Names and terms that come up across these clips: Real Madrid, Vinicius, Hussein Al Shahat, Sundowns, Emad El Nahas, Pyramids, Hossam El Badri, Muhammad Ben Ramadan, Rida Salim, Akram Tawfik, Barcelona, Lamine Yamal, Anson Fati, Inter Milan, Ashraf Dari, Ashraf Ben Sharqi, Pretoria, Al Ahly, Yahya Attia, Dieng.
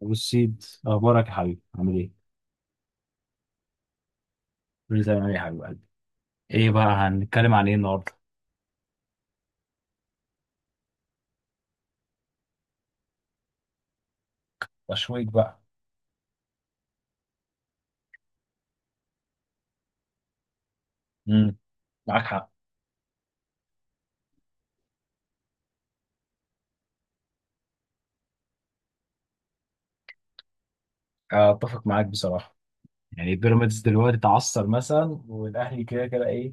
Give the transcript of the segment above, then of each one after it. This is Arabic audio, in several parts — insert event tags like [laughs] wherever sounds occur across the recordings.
والسيد اخبارك يا حبيبي؟ عامل ايه؟ كل زي ما انا يا حبيب قلبي. ايه بقى هنتكلم عن ايه النهارده؟ تشويق بقى. امم معاك حق. اتفق معاك بصراحه. يعني بيراميدز دلوقتي اتعثر مثلا، والاهلي كده كده ايه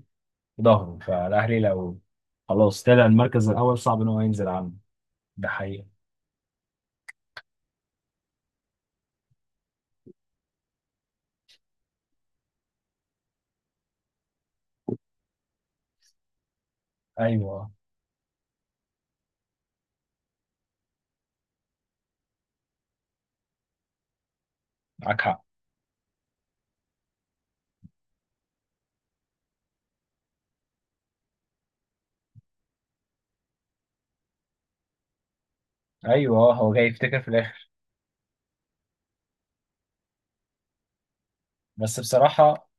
في ظهره، فالاهلي لو خلاص طلع المركز الاول صعب ان هو ينزل عنه. ده حقيقه. ايوه، معاك حق. ايوه هو جاي يفتكر في الاخر. بس بصراحه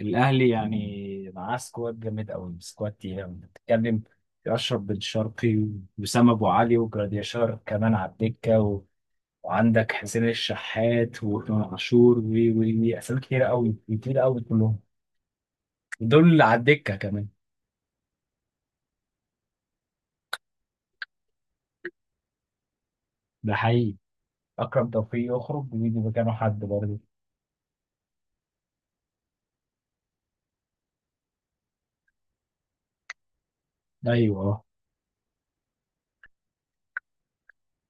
الاهلي يعني معاه سكواد جامد قوي، سكواد تقيل قوي. بتتكلم في اشرف بن شرقي واسامه ابو علي وجراديشار كمان على الدكه وعندك حسين الشحات وامام عاشور و اسامي كتير قوي، كتير قوي كلهم. دول اللي على الدكه كمان. ده حقيقي. اكرم توفيق يخرج ويجي مكانه حد برضه. ايوه،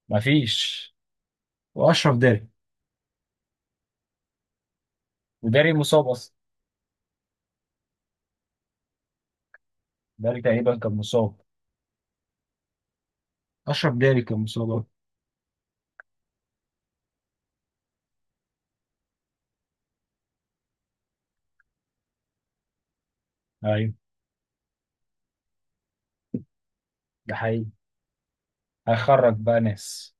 مفيش. واشرف داري. وداري مصاب اصلا. داري تقريبا كان مصاب. اشرف داري كان مصاب. ايوه ده حقيقي. هيخرج بقى ناس.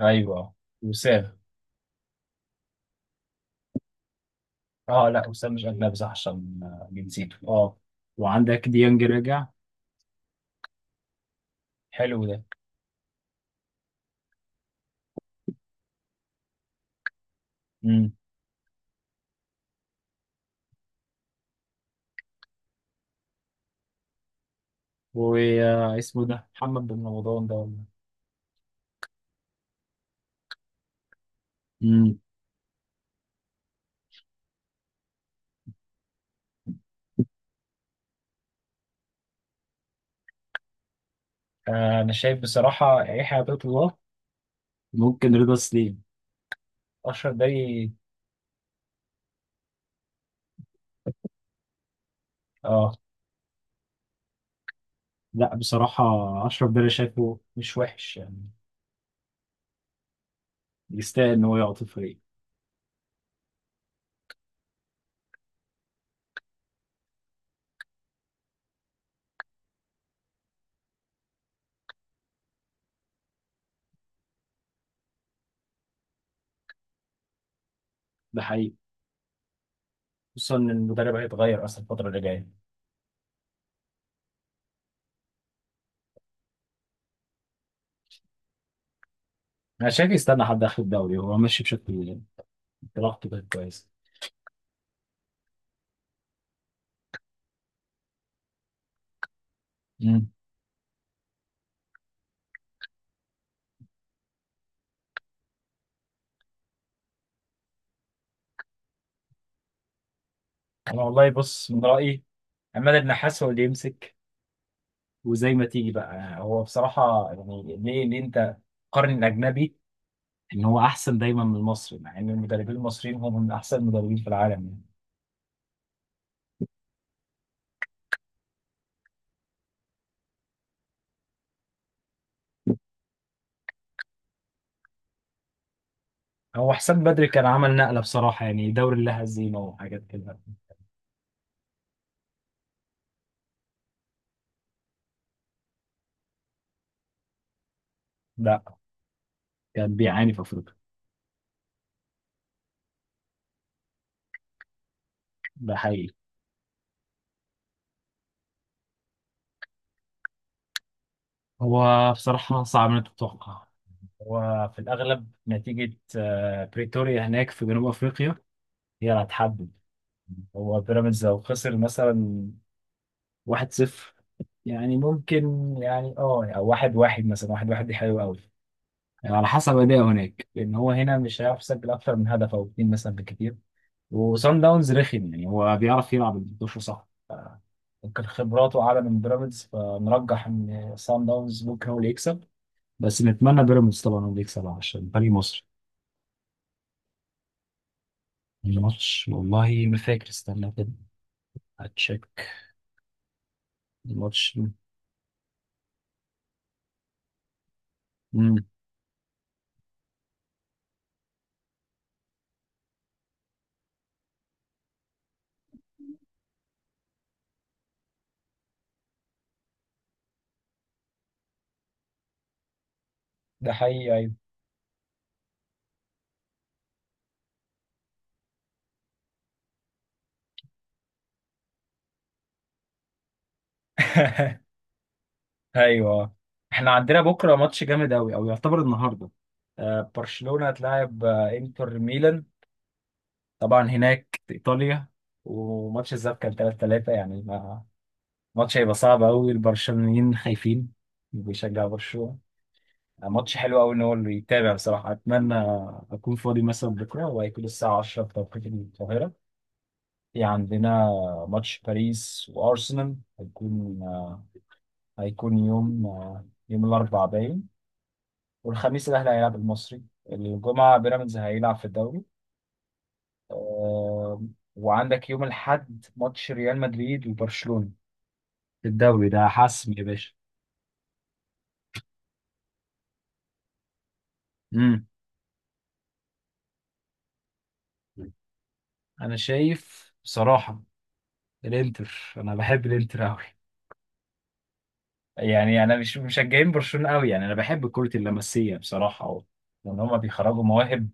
ايوه، وسام. اه لا، وسام مش اجنبي صح عشان جنسيته اه. وعندك ديانج رجع. حلو ده. امم واسمه ده محمد بن رمضان ده ولا؟ امم آه انا شايف بصراحه يحيى عطية الله ممكن رضا سليم. اشرف داري. اه لا بصراحة، أشرف داري شايفه مش وحش يعني، يستاهل إن هو يقعد في الفريق. ده حقيقي، خصوصا ان المدرب هيتغير اصلا الفتره اللي جايه. أنا شايف يستنى حد آخر الدوري، هو ماشي بشكل. إنطلاقته كانت كويسة. مم. انا والله بص من رايي عماد النحاس هو اللي يمسك، وزي ما تيجي بقى هو بصراحه يعني ليه؟ ليه انت قارن الاجنبي ان هو احسن دايما من المصري مع ان المدربين المصريين هم من احسن المدربين في العالم يعني؟ هو حسام بدري كان عمل نقله بصراحه يعني، دوري لا هزيمه وحاجات كده. لا، كان بيعاني في افريقيا. ده حقيقي. هو بصراحه صعب انك تتوقع. هو في الاغلب نتيجه بريتوريا هناك في جنوب افريقيا هي اللي هتحدد. هو بيراميدز لو خسر مثلا واحد صفر، يعني ممكن يعني اه يعني واحد واحد مثلا، واحد واحد دي حلوة قوي. يعني على حسب اداء هناك، لأن هو هنا مش هيعرف يسجل أكتر من هدف أو اتنين مثلا بالكتير. وصن داونز رخم، يعني هو بيعرف يلعب ال 11 صح. ممكن خبراته أعلى من بيراميدز، فنرجح إن صن داونز ممكن هو اللي يكسب. بس نتمنى بيراميدز طبعا هو اللي يكسب عشان فريق مصر. الماتش والله ما فاكر، استنى كده هتشيك. الماتش. مم. ده حقيقي، أيوة. [laughs] ايوه، احنا عندنا بكره ماتش جامد قوي، او يعتبر النهارده. برشلونه هتلاعب انتر ميلان، طبعا هناك في ايطاليا. وماتش الذهاب كان 3 3، يعني ماتش هيبقى صعب قوي. البرشلونيين خايفين، بيشجعوا برشلونه. ماتش حلو قوي ان هو اللي يتابع بصراحه. اتمنى اكون فاضي مثلا بكره، وهيكون الساعه 10 بتوقيت القاهره. في عندنا ماتش باريس وارسنال، هيكون هيكون يوم يوم الاربعاء باين. والخميس الأهلي هيلعب المصري، الجمعة بيراميدز هيلعب في الدوري. آه، وعندك يوم الأحد ماتش ريال مدريد وبرشلونة في الدوري، ده حسم يا باشا. امم أنا شايف بصراحة الإنتر، أنا بحب الإنتر أوي. يعني أنا مش مشجعين برشلونة أوي، يعني أنا بحب كرة اللمسية بصراحة أوي، لأن هما بيخرجوا مواهب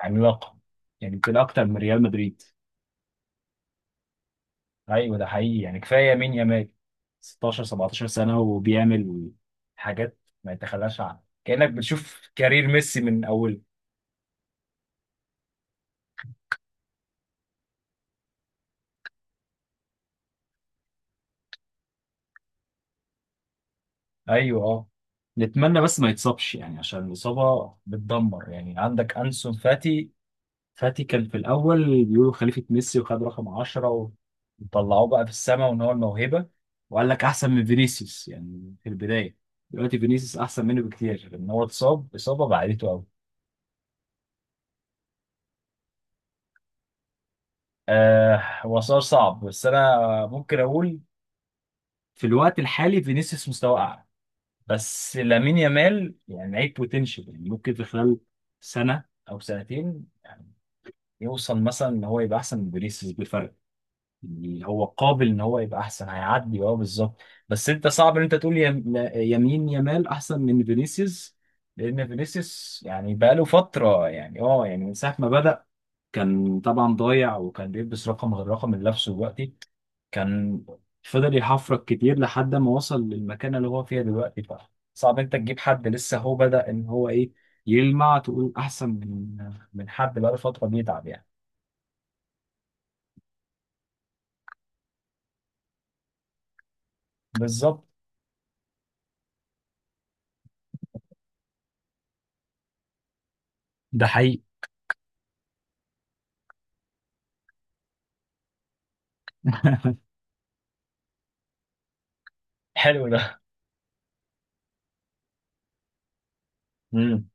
عملاقة يعني، يمكن أكتر من ريال مدريد. ايوه ده حقيقي، يعني كفايه مين؟ يامال 16 17 سنه وبيعمل حاجات ما يتخلاش عنها، كانك بتشوف كارير ميسي من اوله. ايوه اه، نتمنى بس ما يتصابش يعني، عشان الاصابه بتدمر. يعني عندك انسون فاتي، فاتي كان في الاول بيقولوا خليفه ميسي وخد رقم 10، وطلعوه بقى في السماء وان هو الموهبه، وقال لك احسن من فينيسيوس يعني في البدايه. دلوقتي فينيسيوس احسن منه بكتير، لان هو اتصاب اصابه بعدته قوي. آه هو سؤال صعب، بس انا ممكن اقول في الوقت الحالي فينيسيوس مستواه اعلى. بس لامين يامال يعني لعيب بوتنشال، يعني ممكن في خلال سنه او سنتين يعني يوصل مثلا ان هو يبقى احسن من فينيسيوس بفرق. يعني هو قابل ان هو يبقى احسن، هيعدي اه بالظبط. بس انت صعب ان انت تقول يمين يامال احسن من فينيسيوس، لان فينيسيوس يعني بقاله فتره يعني اه، يعني من ساعه ما بدأ كان طبعا ضايع، وكان بيلبس رقم غير رقم اللي لابسه دلوقتي. كان فضل يحفرك كتير لحد ما وصل للمكان اللي هو فيها دلوقتي. بقى صعب انت تجيب حد لسه هو بدأ ان هو ايه يلمع، تقول احسن من من حد بقاله فترة بيتعب يعني. بالظبط، ده حقيقي. [laughs] حلو ده. امم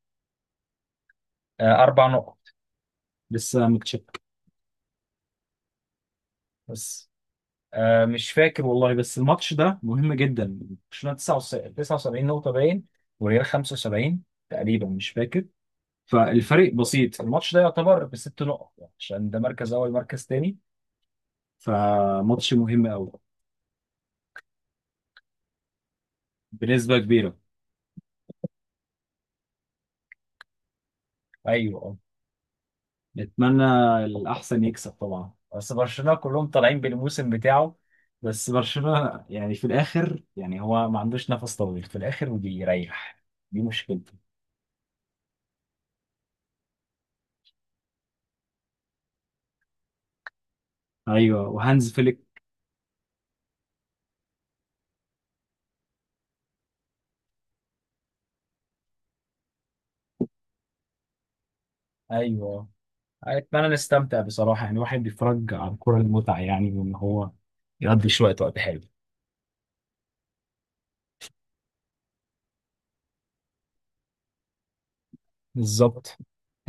آه اربع نقط، لسه متشك بس. آه مش فاكر والله، بس الماتش ده مهم جدا. برشلونة 79 نقطة باين، والريال 75 تقريبا مش فاكر. فالفرق بسيط، الماتش ده يعتبر بست نقط يعني، عشان ده مركز اول مركز تاني. فماتش مهم قوي. بنسبة كبيرة. ايوه اه، نتمنى الأحسن يكسب طبعا. بس برشلونه كلهم طالعين بالموسم بتاعه، بس برشلونه يعني في الاخر يعني هو ما عندوش نفس طويل في الاخر وبيريح، دي مشكلته. أيوة، وهانز فليك. ايوه، اتمنى نستمتع بصراحه، يعني الواحد بيتفرج على الكوره المتعه يعني، وان هو يقضي شويه وقت حلو. بالظبط،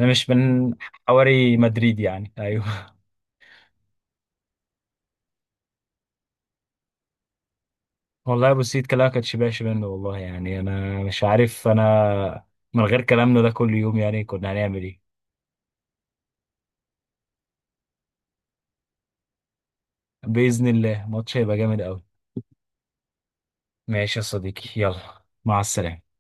انا مش من حواري مدريد يعني، ايوه. والله يا ابو سيد كلامك ما كانش منه والله، يعني انا مش عارف انا من غير كلامنا ده كل يوم يعني كنا هنعمل ايه؟ باذن الله ماتش هيبقى جامد قوي. ماشي يا صديقي، يلا مع السلامه.